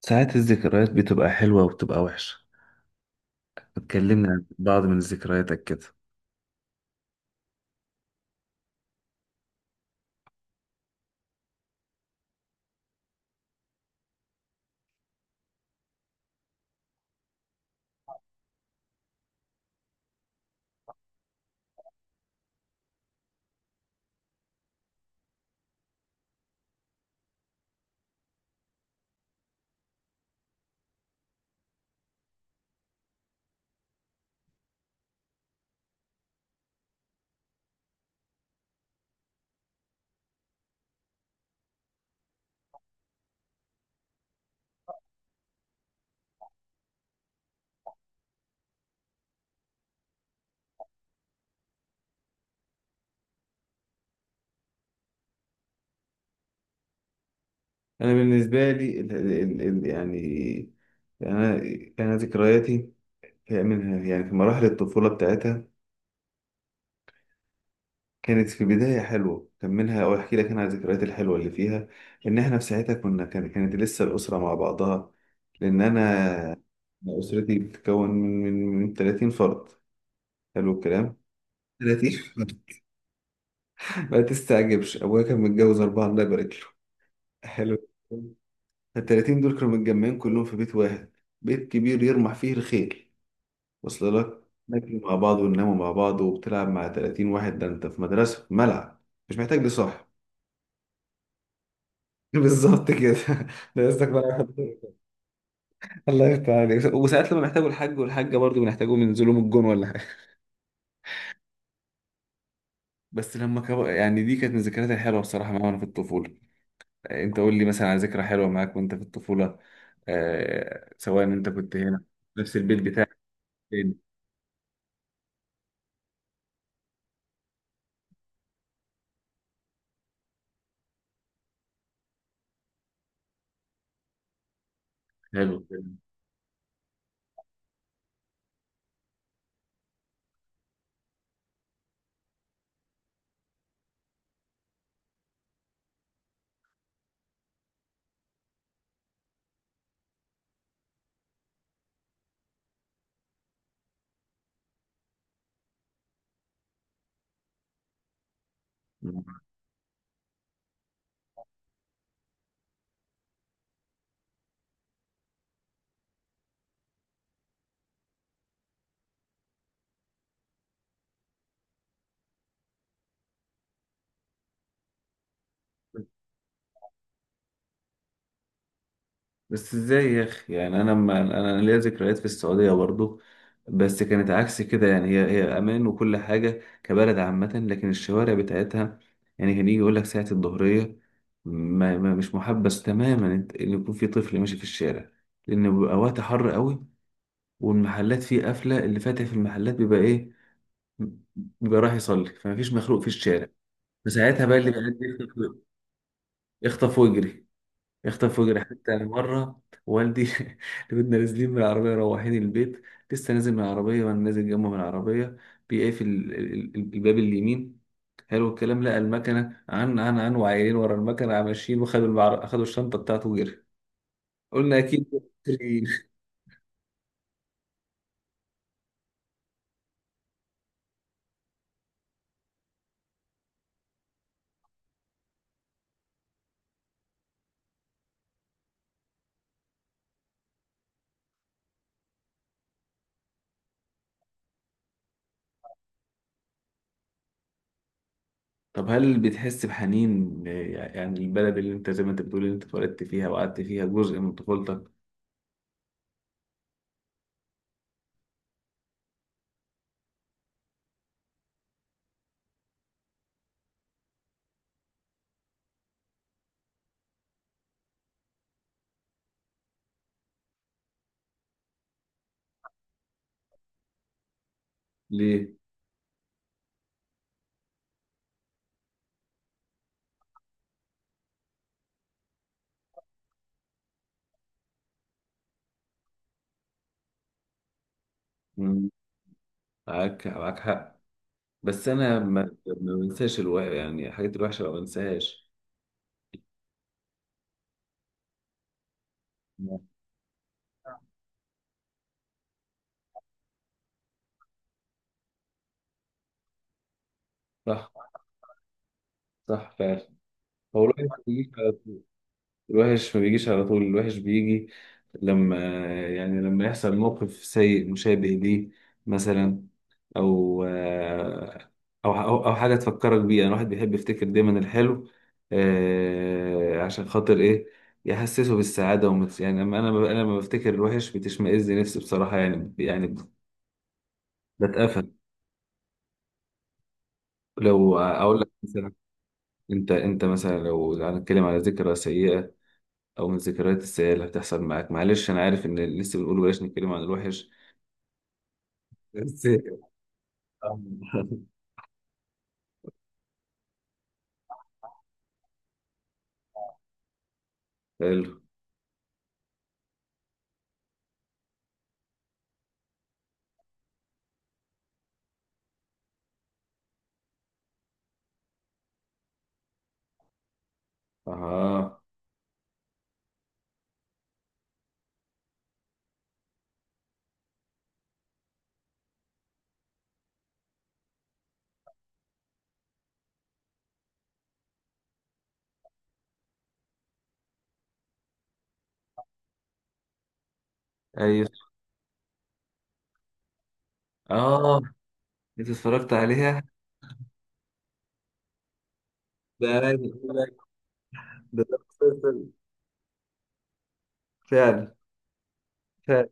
ساعات الذكريات بتبقى حلوة وبتبقى وحشة. بتكلمني عن بعض من ذكرياتك كده؟ انا بالنسبه لي ال ال ال يعني انا انا ذكرياتي هي منها، يعني في مراحل الطفوله بتاعتها، كانت في بدايه حلوه. كان منها او احكي لك انا على الذكريات الحلوه اللي فيها ان احنا في ساعتها كنا كانت لسه الاسره مع بعضها، لان أنا اسرتي بتتكون من 30 فرد. حلو الكلام. 30. ما تستعجبش، ابويا كان متجوز اربعه الله يبارك له. حلو. ال 30 دول كانوا متجمعين كلهم في بيت واحد، بيت كبير يرمح فيه الخيل. وصل لك. ناكلوا مع بعض ونناموا مع بعض وبتلعب مع 30 واحد، ده انت في مدرسة، في ملعب، مش محتاج لصاحب. بالظبط كده. ده قصدك بقى الله يفتح عليك. وساعات لما بيحتاجوا الحاج والحاجة برضه بنحتاجهم ينزلوا من الجون ولا حاجة. بس لما كبر، يعني دي كانت من الذكريات الحلوة بصراحة معايا وأنا في الطفولة. أنت قول لي مثلا على ذكرى حلوة معاك وأنت في الطفولة. سواء أنت كنت هنا نفس البيت بتاعك. فين؟ حلو. بس ازاي يا اخي؟ يعني انا، ما انا ليا ذكريات في السعوديه برضو، بس كانت عكس كده. يعني هي امان وكل حاجه كبلد عامه، لكن الشوارع بتاعتها، يعني كان يجي يقول لك ساعه الظهريه، ما مش محبس تماما ان يكون في طفل ماشي في الشارع، لان بيبقى وقت حر قوي، والمحلات فيه قافله، اللي فاتح في المحلات بيبقى ايه؟ بيبقى رايح يصلي، فمفيش مخلوق في الشارع. فساعتها بقى اللي بيعدي يخطف. يخطف ويجري، يخطف ويجري. حتى مرة والدي اللي كنا نازلين من العربية رايحين البيت، لسه نازل من العربية وأنا نازل جنبه من العربية، بيقفل الباب اليمين. حلو الكلام. لقى المكنة عن وعيلين ورا المكنة ماشيين، وخدوا خدوا الشنطة بتاعته وجري. قلنا أكيد مصريين. طب هل بتحس بحنين؟ يعني البلد اللي أنت زي ما أنت بتقول، اللي أنت اتولدت فيها وقعدت فيها جزء من طفولتك. ليه؟ مم. معاك، معاك حق. بس انا ما بنساش يعني الحاجات الوحشه ما بنساهاش. صح، صح فعلا. هو الوحش ما بيجيش على طول، الوحش ما بيجيش على طول، الوحش بيجي لما، يعني لما يحصل موقف سيء مشابه ليه، مثلا، او آه، او او أو حاجه تفكرك بيه. يعني الواحد بيحب يفتكر دايما الحلو، عشان خاطر ايه؟ يحسسه بالسعاده يعني لما انا انا لما بفتكر الوحش بتشمئز نفسي بصراحه، يعني يعني بتقفل. لو اقول لك مثلا، انت مثلا لو هنتكلم على ذكرى سيئه، او من الذكريات السيئه اللي هتحصل معاك، معلش انا عارف ان لسه بنقول بلاش نتكلم عن الوحش، بس. حلو. اه. ايوه. اه. انت اتفرجت عليها. ده عايز اقول لك. ده مسلسل. فعلا. فعلا.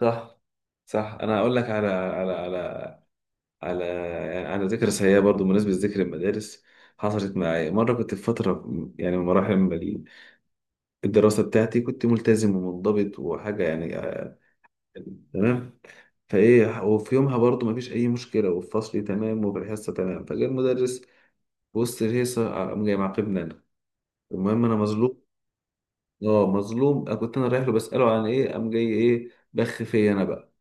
صح، صح انا هقول لك على على على على يعني على ذكرى سيئه برضو بالنسبه لذكر المدارس. حصلت معايا مره، كنت في فتره، يعني من مراحل الدراسة بتاعتي، كنت ملتزم ومنضبط وحاجة يعني. تمام. فايه، وفي يومها برضو مفيش اي مشكله، وفي فصلي تمام، وفي الحصه تمام، فجاء المدرس في وسط الهيصه. قام جاي معاقبني انا. المهم انا مظلوم. اه مظلوم، أنا كنت، انا رايح له بساله عن ايه؟ قام جاي ايه بخ فيا انا بقى.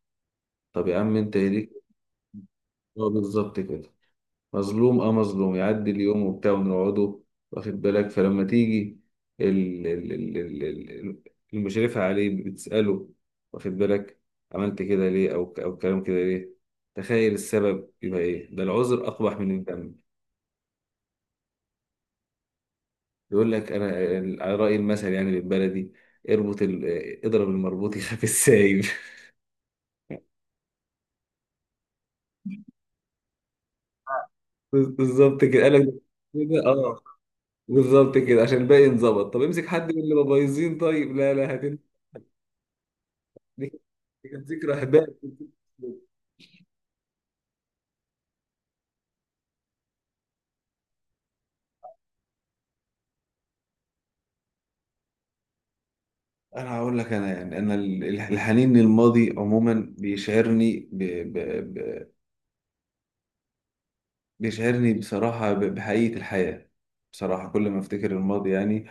طب يا عم انت يليك. اه بالظبط كده. مظلوم، اه مظلوم. يعدي اليوم وبتاع ونقعده. واخد بالك؟ فلما تيجي ال- ال- ال- ال- ال- المشرفة عليه بتسأله، واخد بالك، عملت كده ليه؟ او كلام كده ليه؟ تخيل السبب يبقى ايه؟ ده العذر اقبح من الذنب. يقول لك انا على رأي المثل يعني بالبلدي، اربط ال- آه، اضرب المربوط يخاف السايب. بالظبط كده، قال لك كده اه. بالظبط كده، عشان الباقي انظبط. طب امسك حد من اللي مبايظين؟ طيب لا لا. دي دي كانت ذكرى هباء. انا هقول لك، انا يعني، انا الحنين للماضي عموما بيشعرني ب... ب... بيشعرني بصراحه بحقيقه الحياه. بصراحه كل ما افتكر الماضي، يعني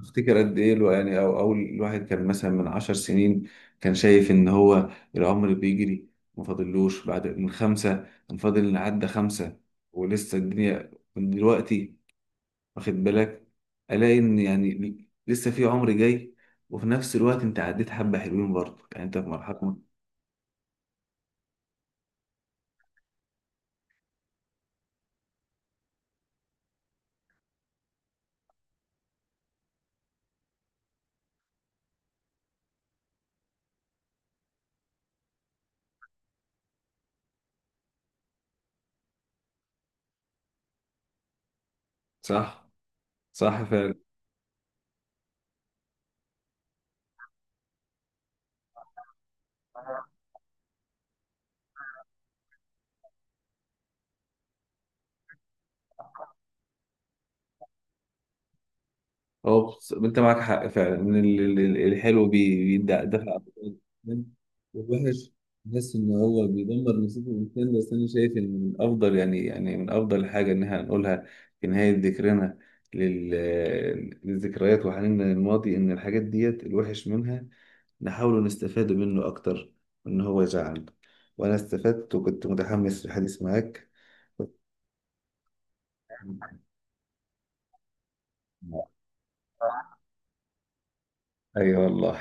افتكر قد ايه يعني او اول الواحد كان مثلا من 10 سنين كان شايف ان هو العمر بيجري، ما فاضلوش بعد من خمسه، كان فاضل إن عدى خمسه ولسه الدنيا من دلوقتي. واخد بالك؟ الاقي ان، يعني لسه في عمر جاي، وفي نفس الوقت انت عديت حبه حلوين برضه. يعني انت في مرحله. صح، صح فعلا. هو انت معاك حق فعلا ان الحلو بيدفع دفع أبطال، والوحش بحس ان هو بيدمر نصيب الانسان. بس انا شايف ان من افضل، يعني يعني من افضل حاجه ان احنا نقولها في نهايه ذكرنا لل- للذكريات وحنيننا للماضي، ان الحاجات ديت الوحش منها نحاول نستفاد منه أكتر، إن هو يزعلنا. وأنا استفدت وكنت متحمس للحديث معاك. أي والله.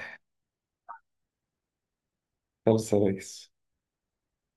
خلص يا ريس.